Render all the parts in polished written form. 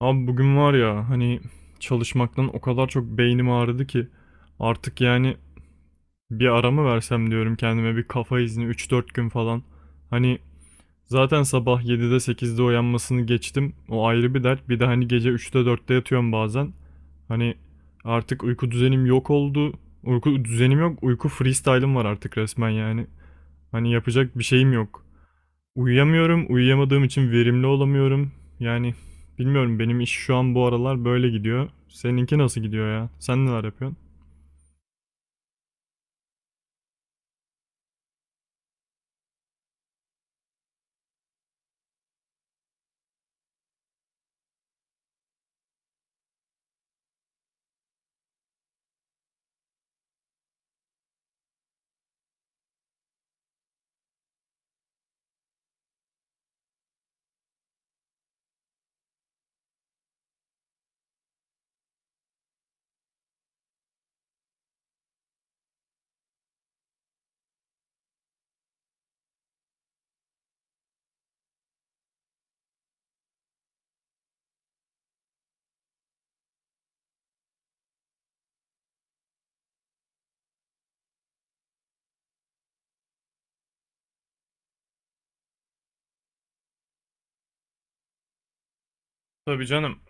Abi bugün var ya hani çalışmaktan o kadar çok beynim ağrıdı ki artık yani bir ara mı versem diyorum kendime bir kafa izni üç dört gün falan. Hani zaten sabah 7'de 8'de uyanmasını geçtim, o ayrı bir dert, bir de hani gece üçte dörtte yatıyorum bazen. Hani artık uyku düzenim yok oldu, uyku düzenim yok uyku freestyle'ım var artık resmen yani. Hani yapacak bir şeyim yok. Uyuyamıyorum. Uyuyamadığım için verimli olamıyorum. Yani bilmiyorum, benim iş şu an bu aralar böyle gidiyor. Seninki nasıl gidiyor ya? Sen neler yapıyorsun? Tabii canım.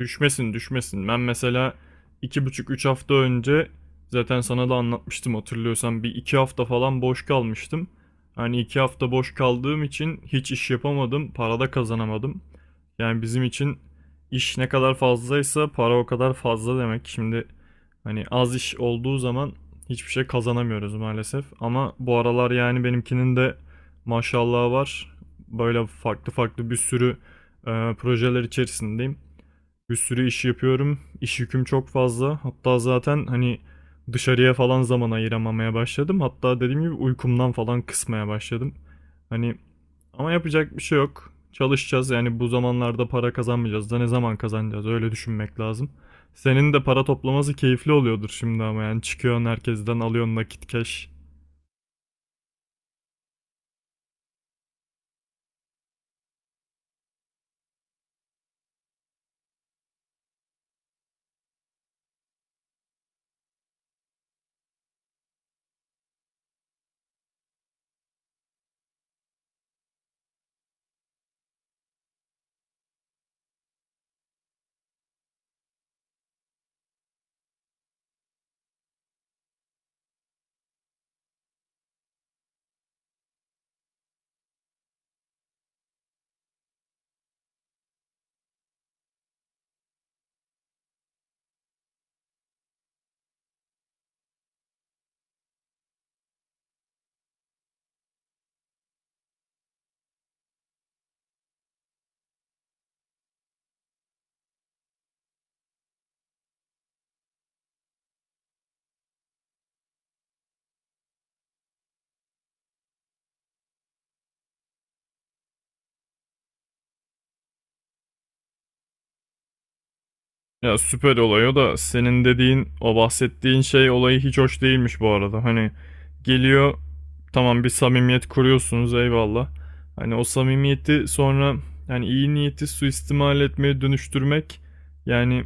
Düşmesin düşmesin. Ben mesela iki buçuk üç hafta önce, zaten sana da anlatmıştım hatırlıyorsan, bir iki hafta falan boş kalmıştım. Hani iki hafta boş kaldığım için hiç iş yapamadım. Para da kazanamadım. Yani bizim için iş ne kadar fazlaysa para o kadar fazla demek. Şimdi hani az iş olduğu zaman hiçbir şey kazanamıyoruz maalesef. Ama bu aralar yani benimkinin de maşallahı var. Böyle farklı farklı bir sürü projeler içerisindeyim. Bir sürü iş yapıyorum. İş yüküm çok fazla. Hatta zaten hani dışarıya falan zaman ayıramamaya başladım. Hatta dediğim gibi uykumdan falan kısmaya başladım. Hani ama yapacak bir şey yok. Çalışacağız yani, bu zamanlarda para kazanmayacağız da ne zaman kazanacağız, öyle düşünmek lazım. Senin de para toplaması keyifli oluyordur şimdi ama, yani çıkıyorsun herkesten alıyorsun nakit cash. Ya süper olay o da, senin dediğin o bahsettiğin şey olayı hiç hoş değilmiş bu arada. Hani geliyor, tamam bir samimiyet kuruyorsunuz, eyvallah. Hani o samimiyeti sonra yani iyi niyeti suistimal etmeye dönüştürmek, yani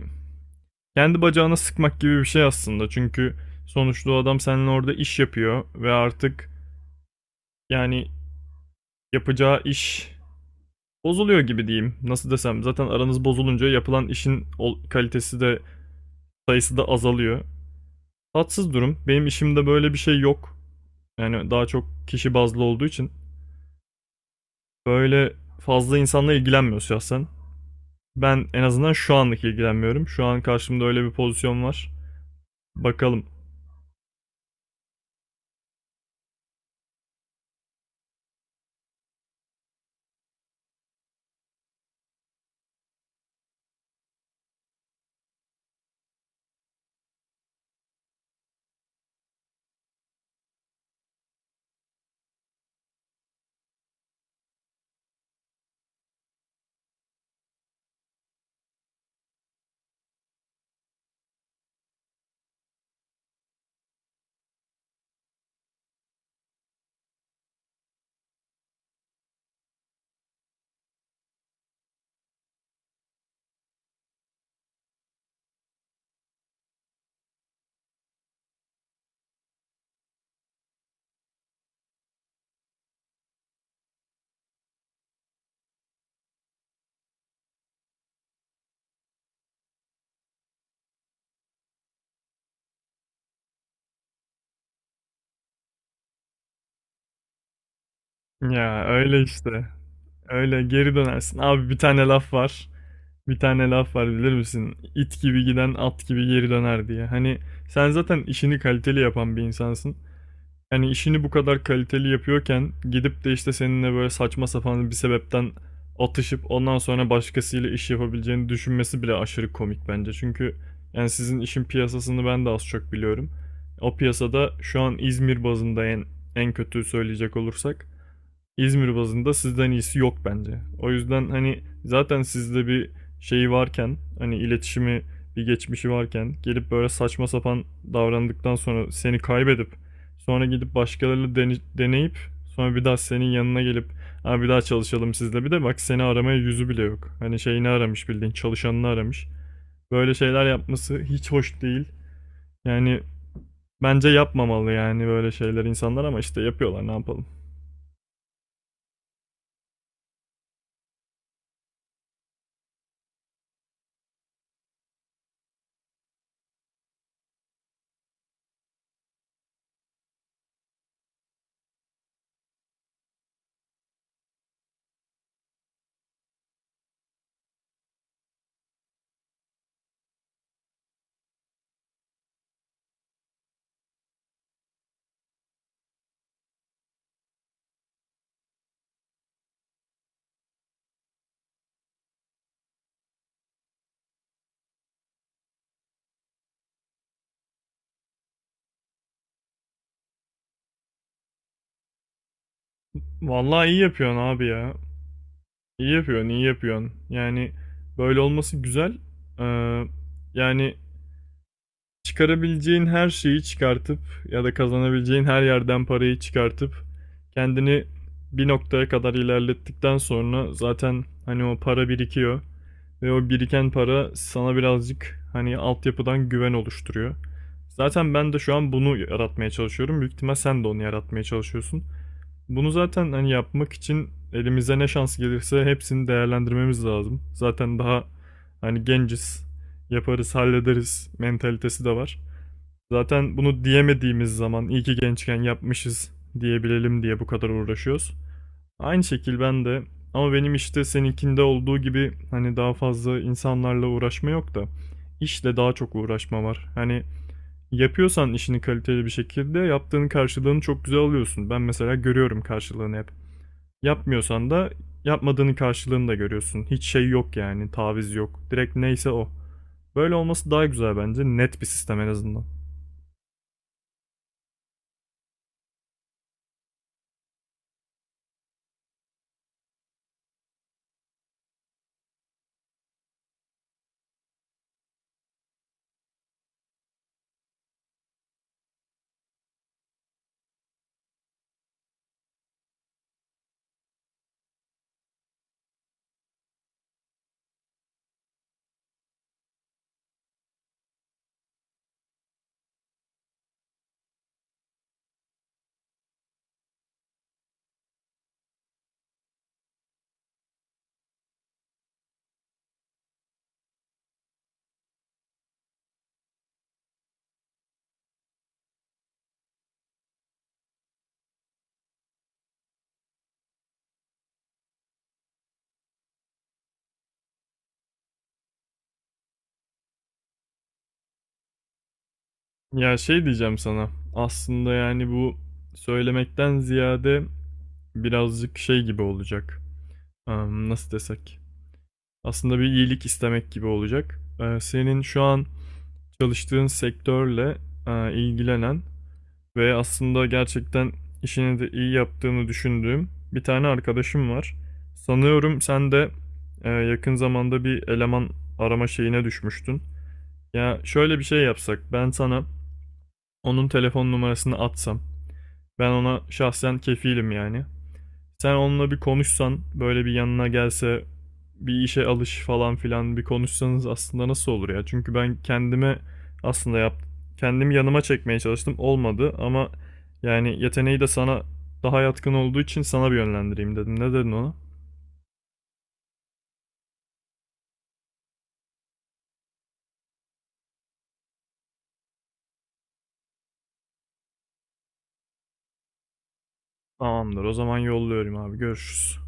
kendi bacağına sıkmak gibi bir şey aslında. Çünkü sonuçta o adam seninle orada iş yapıyor ve artık yani yapacağı iş bozuluyor gibi diyeyim. Nasıl desem, zaten aranız bozulunca yapılan işin kalitesi de sayısı da azalıyor. Tatsız durum. Benim işimde böyle bir şey yok. Yani daha çok kişi bazlı olduğu için böyle fazla insanla ilgilenmiyor şahsen. Ben en azından şu anlık ilgilenmiyorum. Şu an karşımda öyle bir pozisyon var. Bakalım. Ya öyle işte. Öyle geri dönersin. Abi bir tane laf var. Bir tane laf var bilir misin? İt gibi giden at gibi geri döner diye. Hani sen zaten işini kaliteli yapan bir insansın. Yani işini bu kadar kaliteli yapıyorken gidip de işte seninle böyle saçma sapan bir sebepten atışıp ondan sonra başkasıyla iş yapabileceğini düşünmesi bile aşırı komik bence. Çünkü yani sizin işin piyasasını ben de az çok biliyorum. O piyasada şu an İzmir bazında en kötü söyleyecek olursak İzmir bazında sizden iyisi yok bence. O yüzden hani zaten sizde bir şeyi varken, hani iletişimi bir geçmişi varken, gelip böyle saçma sapan davrandıktan sonra seni kaybedip sonra gidip başkalarıyla deneyip sonra bir daha senin yanına gelip ha bir daha çalışalım sizle, bir de bak seni aramaya yüzü bile yok. Hani şeyini aramış, bildiğin çalışanını aramış. Böyle şeyler yapması hiç hoş değil. Yani bence yapmamalı yani böyle şeyler insanlar, ama işte yapıyorlar, ne yapalım. Vallahi iyi yapıyorsun abi ya. İyi yapıyorsun, iyi yapıyorsun. Yani böyle olması güzel. Ee, Yani çıkarabileceğin her şeyi çıkartıp ya da kazanabileceğin her yerden parayı çıkartıp kendini bir noktaya kadar ilerlettikten sonra zaten hani o para birikiyor ve o biriken para sana birazcık hani altyapıdan güven oluşturuyor. Zaten ben de şu an bunu yaratmaya çalışıyorum. Büyük ihtimal sen de onu yaratmaya çalışıyorsun. Bunu zaten hani yapmak için elimize ne şans gelirse hepsini değerlendirmemiz lazım. Zaten daha hani genciz, yaparız, hallederiz mentalitesi de var. Zaten bunu diyemediğimiz zaman iyi ki gençken yapmışız diyebilelim diye bu kadar uğraşıyoruz. Aynı şekil ben de, ama benim işte seninkinde olduğu gibi hani daha fazla insanlarla uğraşma yok da işle daha çok uğraşma var. Hani yapıyorsan işini kaliteli bir şekilde yaptığın karşılığını çok güzel alıyorsun. Ben mesela görüyorum karşılığını hep. Yapmıyorsan da yapmadığının karşılığını da görüyorsun. Hiç şey yok yani, taviz yok. Direkt neyse o. Böyle olması daha güzel bence. Net bir sistem en azından. Ya şey diyeceğim sana. Aslında yani bu söylemekten ziyade birazcık şey gibi olacak. Nasıl desek? Aslında bir iyilik istemek gibi olacak. Senin şu an çalıştığın sektörle ilgilenen ve aslında gerçekten işini de iyi yaptığını düşündüğüm bir tane arkadaşım var. Sanıyorum sen de yakın zamanda bir eleman arama şeyine düşmüştün. Ya şöyle bir şey yapsak, ben sana onun telefon numarasını atsam, ben ona şahsen kefilim yani. Sen onunla bir konuşsan, böyle bir yanına gelse, bir işe alış falan filan bir konuşsanız, aslında nasıl olur ya? Çünkü ben kendime aslında yap kendimi yanıma çekmeye çalıştım. Olmadı, ama yani yeteneği de sana daha yatkın olduğu için sana bir yönlendireyim dedim. Ne dedin ona? Tamamdır. O zaman yolluyorum abi. Görüşürüz.